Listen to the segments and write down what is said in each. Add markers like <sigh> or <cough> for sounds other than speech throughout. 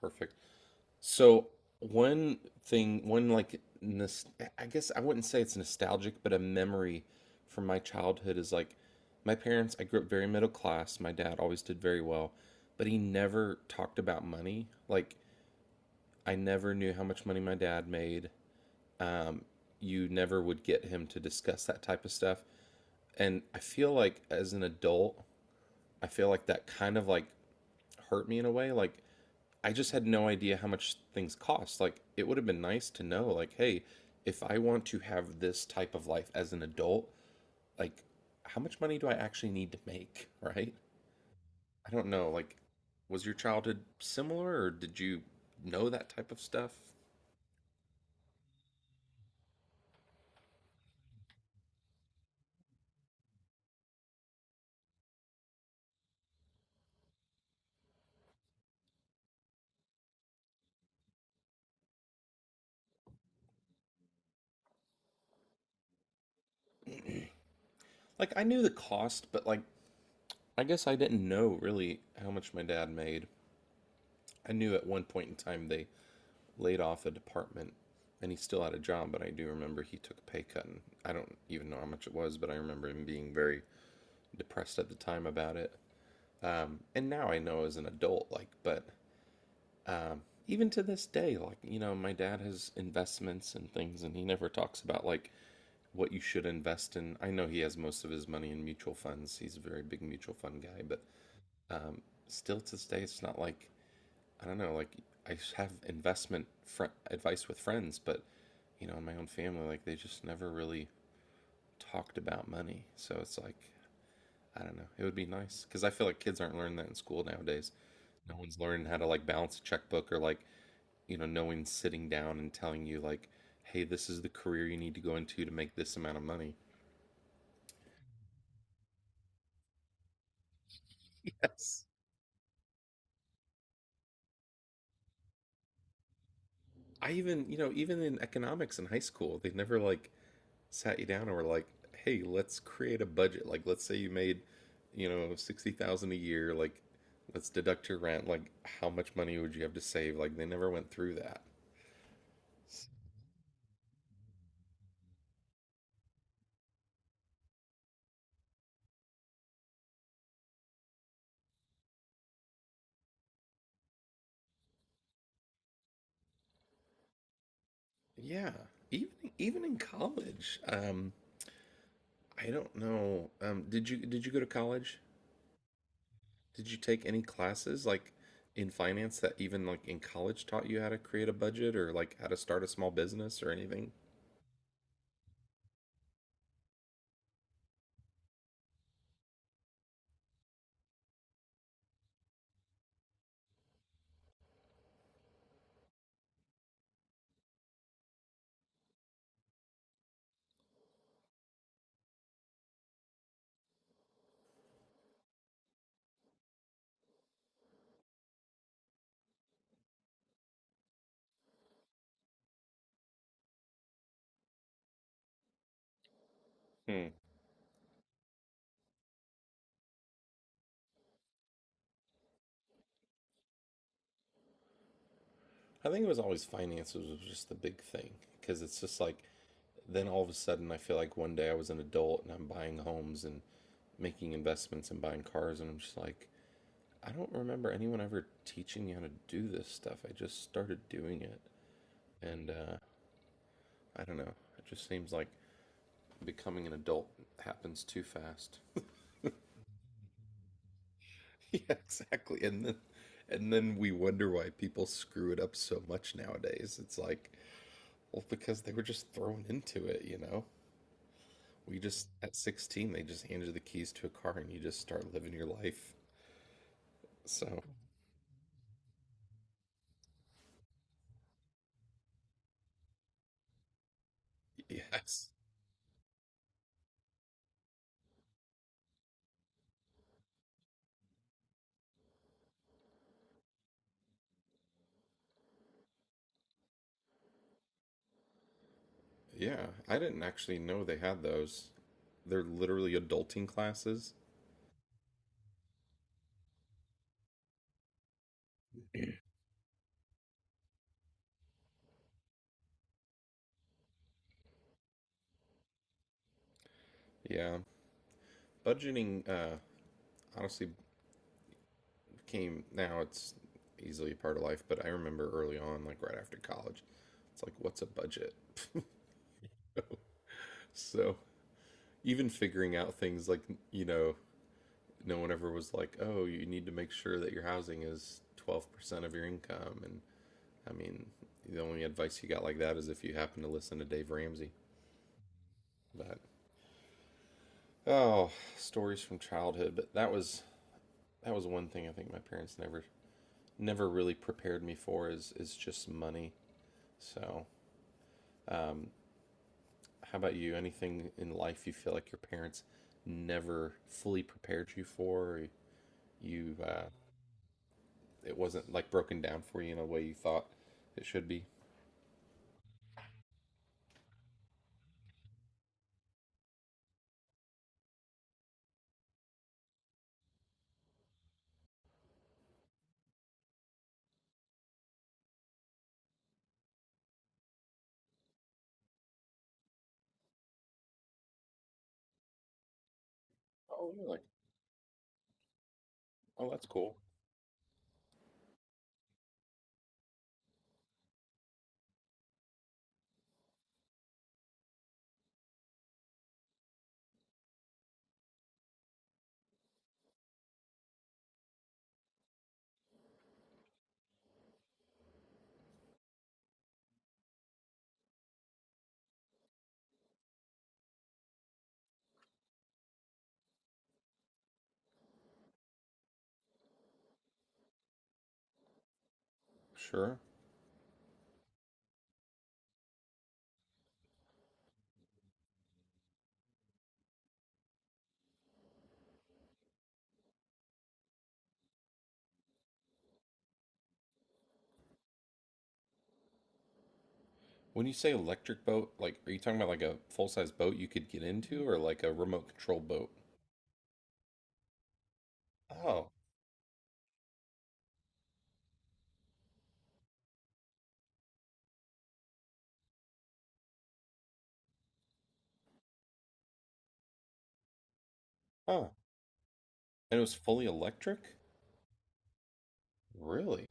Perfect. So one thing, one like, nos I guess I wouldn't say it's nostalgic, but a memory from my childhood is like my parents, I grew up very middle class. My dad always did very well, but he never talked about money. Like I never knew how much money my dad made. Um, you never would get him to discuss that type of stuff. And I feel like as an adult, I feel like that kind of like hurt me in a way. Like, I just had no idea how much things cost. Like, it would have been nice to know, like, hey, if I want to have this type of life as an adult, like, how much money do I actually need to make, <laughs> right? I don't know. Like, was your childhood similar or did you know that type of stuff? Like, I knew the cost, but like, I guess I didn't know really how much my dad made. I knew at one point in time they laid off a department and he still had a job, but I do remember he took a pay cut and I don't even know how much it was, but I remember him being very depressed at the time about it. And now I know as an adult, like, but even to this day, like, my dad has investments and things and he never talks about like what you should invest in. I know he has most of his money in mutual funds. He's a very big mutual fund guy, but um, still to this day, it's not like I don't know, like I have investment advice with friends, but in my own family, like they just never really talked about money. So it's like, I don't know. It would be nice because I feel like kids aren't learning that in school nowadays. No one's learning how to like balance a checkbook or like, no one's sitting down and telling you like, hey, this is the career you need to go into to make this amount of money. <laughs> Yes. I even, even in economics in high school, they never like sat you down and were like, "Hey, let's create a budget. Like, let's say you made, 60,000 a year. Like, let's deduct your rent. Like, how much money would you have to save?" Like, they never went through that. Yeah, even even in college, I don't know. Did you go to college? Did you take any classes like in finance that even like in college taught you how to create a budget or like how to start a small business or anything? Hmm. I think it was always finances was just the big thing because it's just like then all of a sudden I feel like one day I was an adult and I'm buying homes and making investments and buying cars and I'm just like I don't remember anyone ever teaching you how to do this stuff. I just started doing it and I don't know. It just seems like becoming an adult happens too fast. <laughs> Yeah, exactly. And then we wonder why people screw it up so much nowadays. It's like, well, because they were just thrown into it, you know? We just at 16 they just handed the keys to a car and you just start living your life. So, yes. Yeah, I didn't actually know they had those. They're literally adulting classes. Yeah. Budgeting honestly became now it's easily a part of life, but I remember early on like right after college, it's like what's a budget? <laughs> So, even figuring out things like, you know, no one ever was like, "Oh, you need to make sure that your housing is 12% of your income and I mean, the only advice you got like that is if you happen to listen to Dave Ramsey." But oh, stories from childhood. But that was one thing I think my parents never really prepared me for is just money. So, um, how about you? Anything in life you feel like your parents never fully prepared you for? Or you it wasn't like broken down for you in a way you thought it should be. Oh, you're like, oh, that's cool. Sure. When you say electric boat, like are you talking about like a full-size boat you could get into or like a remote control boat? Oh, huh. And it was fully electric? Really?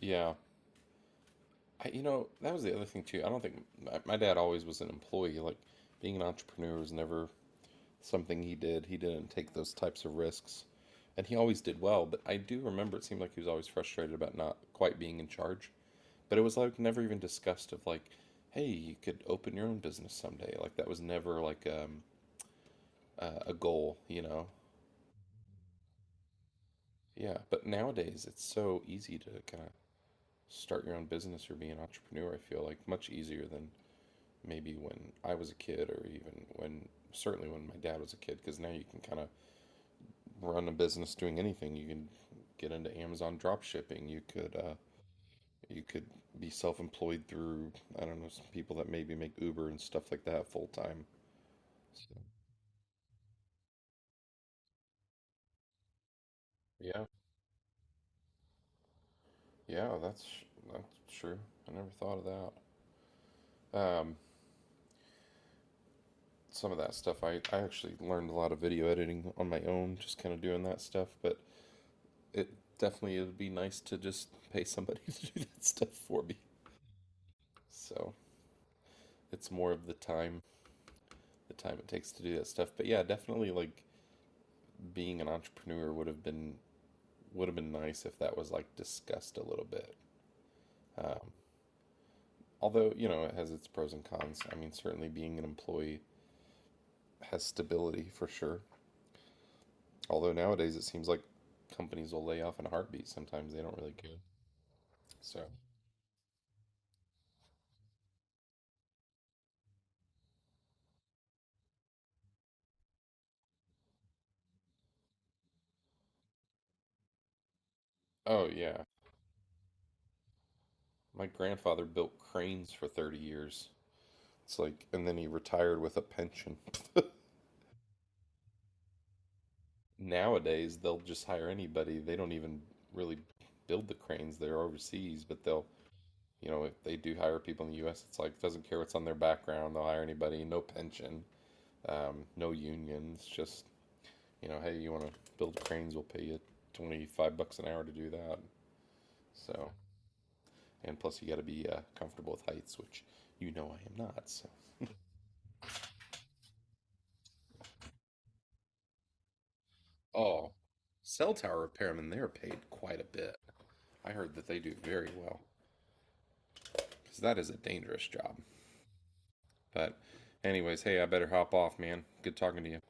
Yeah. I, that was the other thing too. I don't think my dad always was an employee. Like being an entrepreneur was never something he did. He didn't take those types of risks. And he always did well, but I do remember it seemed like he was always frustrated about not quite being in charge. But it was like never even discussed of like, hey, you could open your own business someday. Like that was never like a goal, you know? Yeah. But nowadays, it's so easy to kind of start your own business or be an entrepreneur, I feel like much easier than maybe when I was a kid or even when certainly when my dad was a kid because now you can kind of run a business doing anything. You can get into Amazon drop shipping. You could be self-employed through I don't know some people that maybe make Uber and stuff like that full time. So yeah, yeah, that's true. I never thought of that. Some of that stuff. I actually learned a lot of video editing on my own, just kind of doing that stuff. But it definitely it would be nice to just pay somebody <laughs> to do that stuff for me. So it's more of the time it takes to do that stuff. But yeah, definitely like being an entrepreneur would have been nice if that was like discussed a little bit. Um, although you know it has its pros and cons. I mean, certainly being an employee has stability for sure. Although nowadays it seems like companies will lay off in a heartbeat. Sometimes they don't really care. So oh yeah. My grandfather built cranes for 30 years. It's like and then he retired with a pension. Nowadays they'll just hire anybody. They don't even really build the cranes. They're overseas, but they'll, you know, if they do hire people in the US, it's like doesn't care what's on their background. They'll hire anybody, no pension, no unions, just, you know, hey, you want to build cranes, we'll pay you 25 bucks an hour to do that. So, and plus you got to be comfortable with heights, which you know I am not. So oh, cell tower repairmen, they're paid quite a bit. I heard that they do very well because that is a dangerous job. But, anyways, hey, I better hop off, man. Good talking to you.